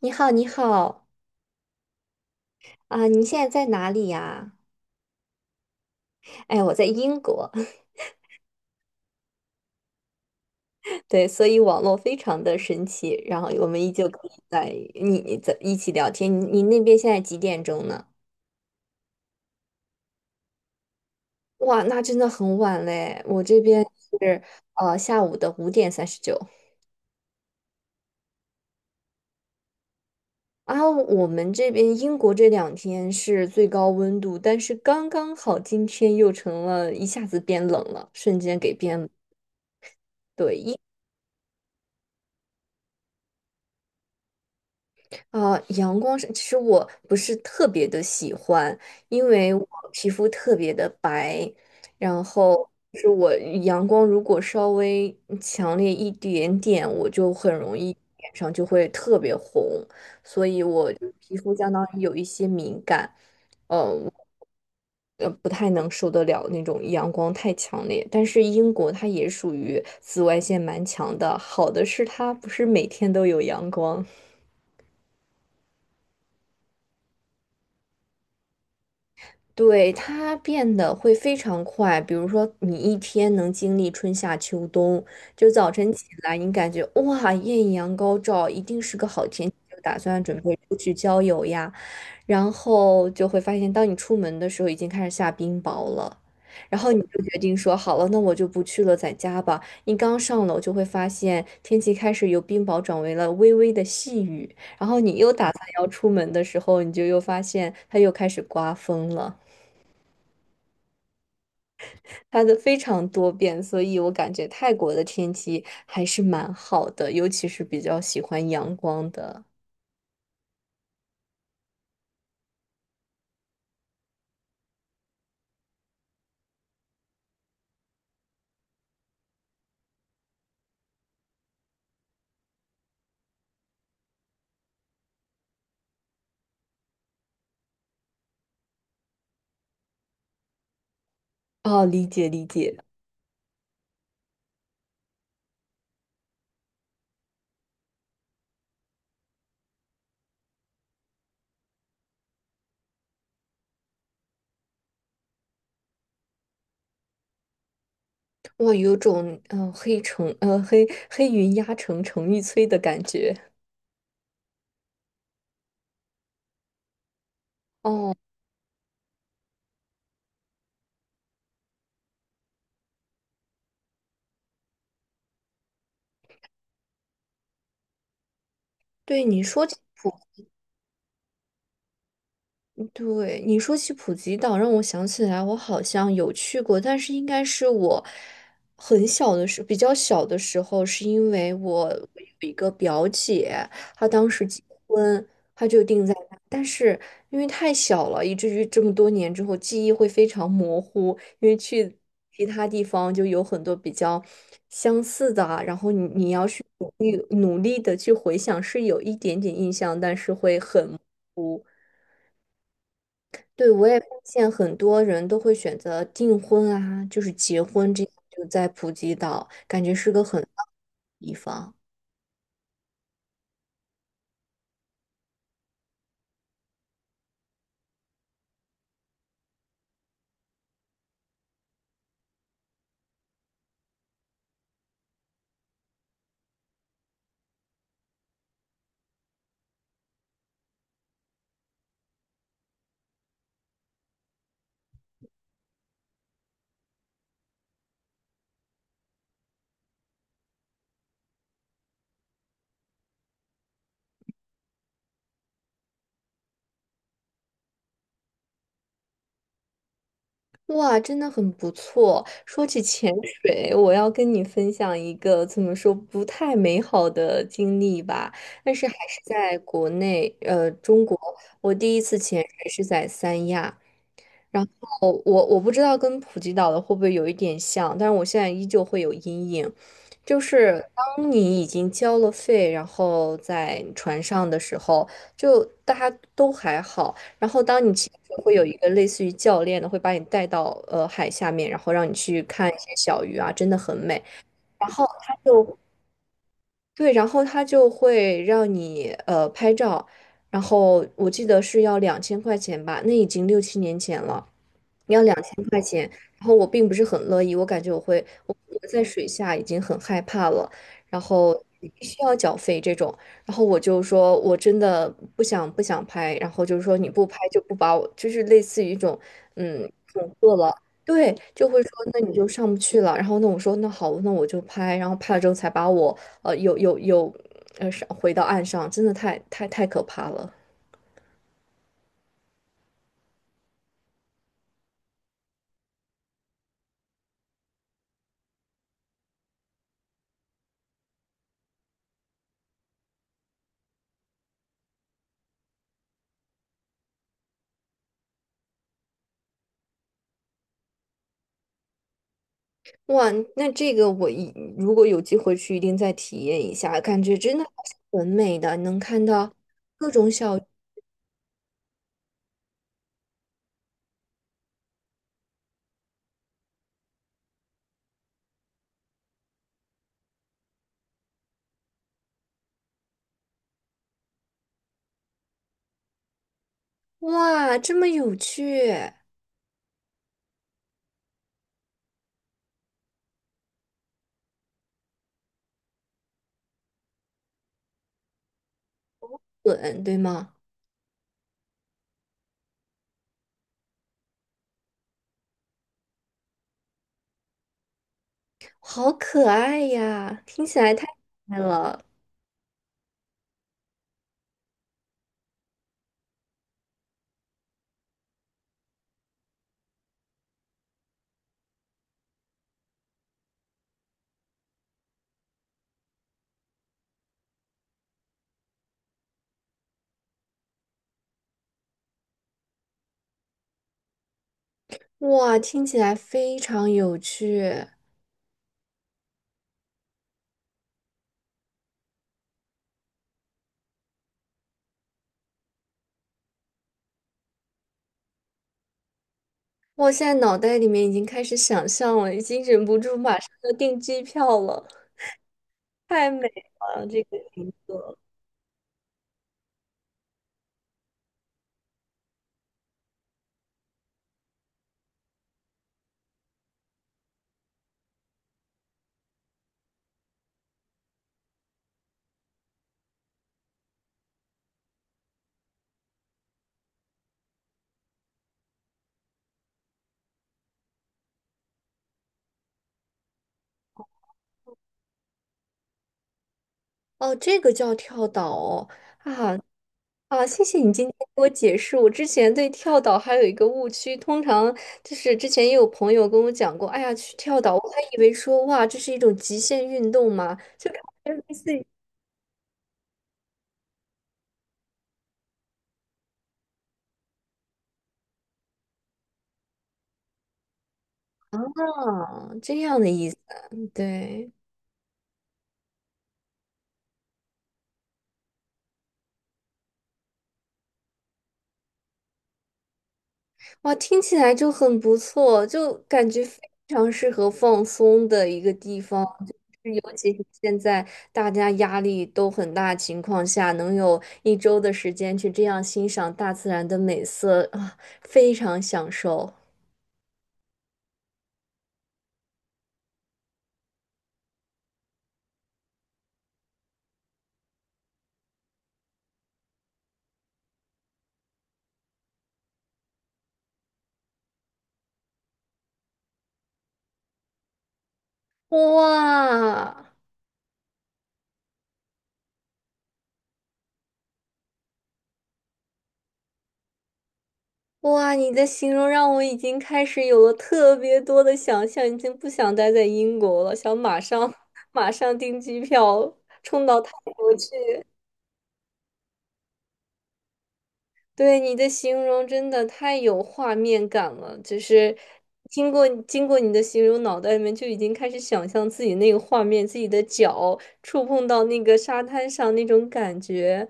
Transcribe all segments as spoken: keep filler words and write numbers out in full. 你好，你好啊，你现在在哪里呀？哎，我在英国，对，所以网络非常的神奇，然后我们依旧可以在你你在一起聊天。你你那边现在几点钟呢？哇，那真的很晚嘞，我这边是呃下午的五点三十九啊。我们这边英国这两天是最高温度，但是刚刚好今天又成了一下子变冷了，瞬间给变。对，啊，阳光是，其实我不是特别的喜欢，因为我皮肤特别的白，然后就是我阳光如果稍微强烈一点点，我就很容易脸上就会特别红，所以我就皮肤相当于有一些敏感，嗯、呃，不太能受得了那种阳光太强烈。但是英国它也属于紫外线蛮强的，好的是它不是每天都有阳光。对，它变得会非常快，比如说你一天能经历春夏秋冬，就早晨起来你感觉哇，艳阳高照，一定是个好天气，就打算准备出去郊游呀，然后就会发现，当你出门的时候已经开始下冰雹了，然后你就决定说好了，那我就不去了，在家吧。你刚上楼就会发现天气开始由冰雹转为了微微的细雨，然后你又打算要出门的时候，你就又发现它又开始刮风了。它的非常多变，所以我感觉泰国的天气还是蛮好的，尤其是比较喜欢阳光的。哦，理解理解，哇，有种嗯、呃黑城呃黑黑云压城城欲摧的感觉。哦，对，你说起。对，你说起普吉岛，让我想起来，我好像有去过，但是应该是我很小的时候比较小的时候，是因为我有一个表姐，她当时结婚，她就定在那，但是因为太小了，以至于这么多年之后，记忆会非常模糊，因为去其他地方就有很多比较相似的啊然后你你要去努力努力的去回想，是有一点点印象，但是会很模糊。对，我也发现很多人都会选择订婚啊，就是结婚这样，就在普吉岛，感觉是个很浪的地方。哇，真的很不错。说起潜水，我要跟你分享一个怎么说不太美好的经历吧，但是还是在国内，呃，中国。我第一次潜水是在三亚，然后我我不知道跟普吉岛的会不会有一点像，但是我现在依旧会有阴影，就是当你已经交了费，然后在船上的时候，就大家都还好，然后当你其实会有一个类似于教练的，会把你带到呃海下面，然后让你去看一些小鱼啊，真的很美，然后他就对，然后他就会让你呃拍照。然后我记得是要两千块钱吧，那已经六七年前了。然后我并不是很乐意，我感觉我会我我在水下已经很害怕了，然后你必须要缴费这种，然后我就说我真的不想不想拍，然后就是说你不拍就不把我，就是类似于一种嗯恐吓了，对，就会说那你就上不去了，然后那我说那好，那我就拍，然后拍了之后才把我呃有有有呃上回到岸上，真的太太太可怕了。哇，那这个我一如果有机会去，一定再体验一下，感觉真的很美的，能看到各种小，哇，这么有趣，滚，对吗？好可爱呀，听起来太可爱了，哇，听起来非常有趣，我现在脑袋里面已经开始想象了，已经忍不住马上要订机票了，太美了，这个景色，哦，这个叫跳岛哦，啊。啊，谢谢你今天给我解释。我之前对跳岛还有一个误区，通常就是之前也有朋友跟我讲过，哎呀，去跳岛，我还以为说哇，这是一种极限运动嘛，就感觉类似于啊这样的意思。对，哇，听起来就很不错，就感觉非常适合放松的一个地方，就是尤其是现在大家压力都很大的情况下，能有一周的时间去这样欣赏大自然的美色啊，非常享受。哇哇，你的形容让我已经开始有了特别多的想象，已经不想待在英国了，想马上马上订机票冲到泰国去。对你的形容真的太有画面感了，就是经过经过你的形容，脑袋里面就已经开始想象自己那个画面，自己的脚触碰到那个沙滩上那种感觉。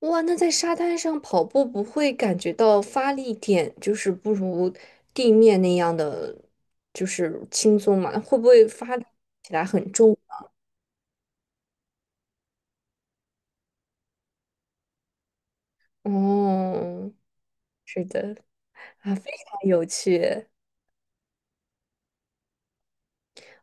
哇，那在沙滩上跑步不会感觉到发力点就是不如地面那样的就是轻松嘛？会不会发力起来很重啊？哦，是的，啊，非常有趣。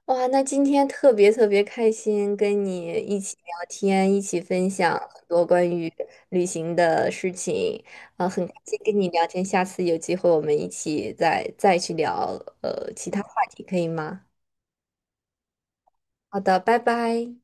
哇，那今天特别特别开心，跟你一起聊天，一起分享很多关于旅行的事情，啊、很开心跟你聊天。下次有机会我们一起再再去聊呃其他话题，可以吗？好的，拜拜。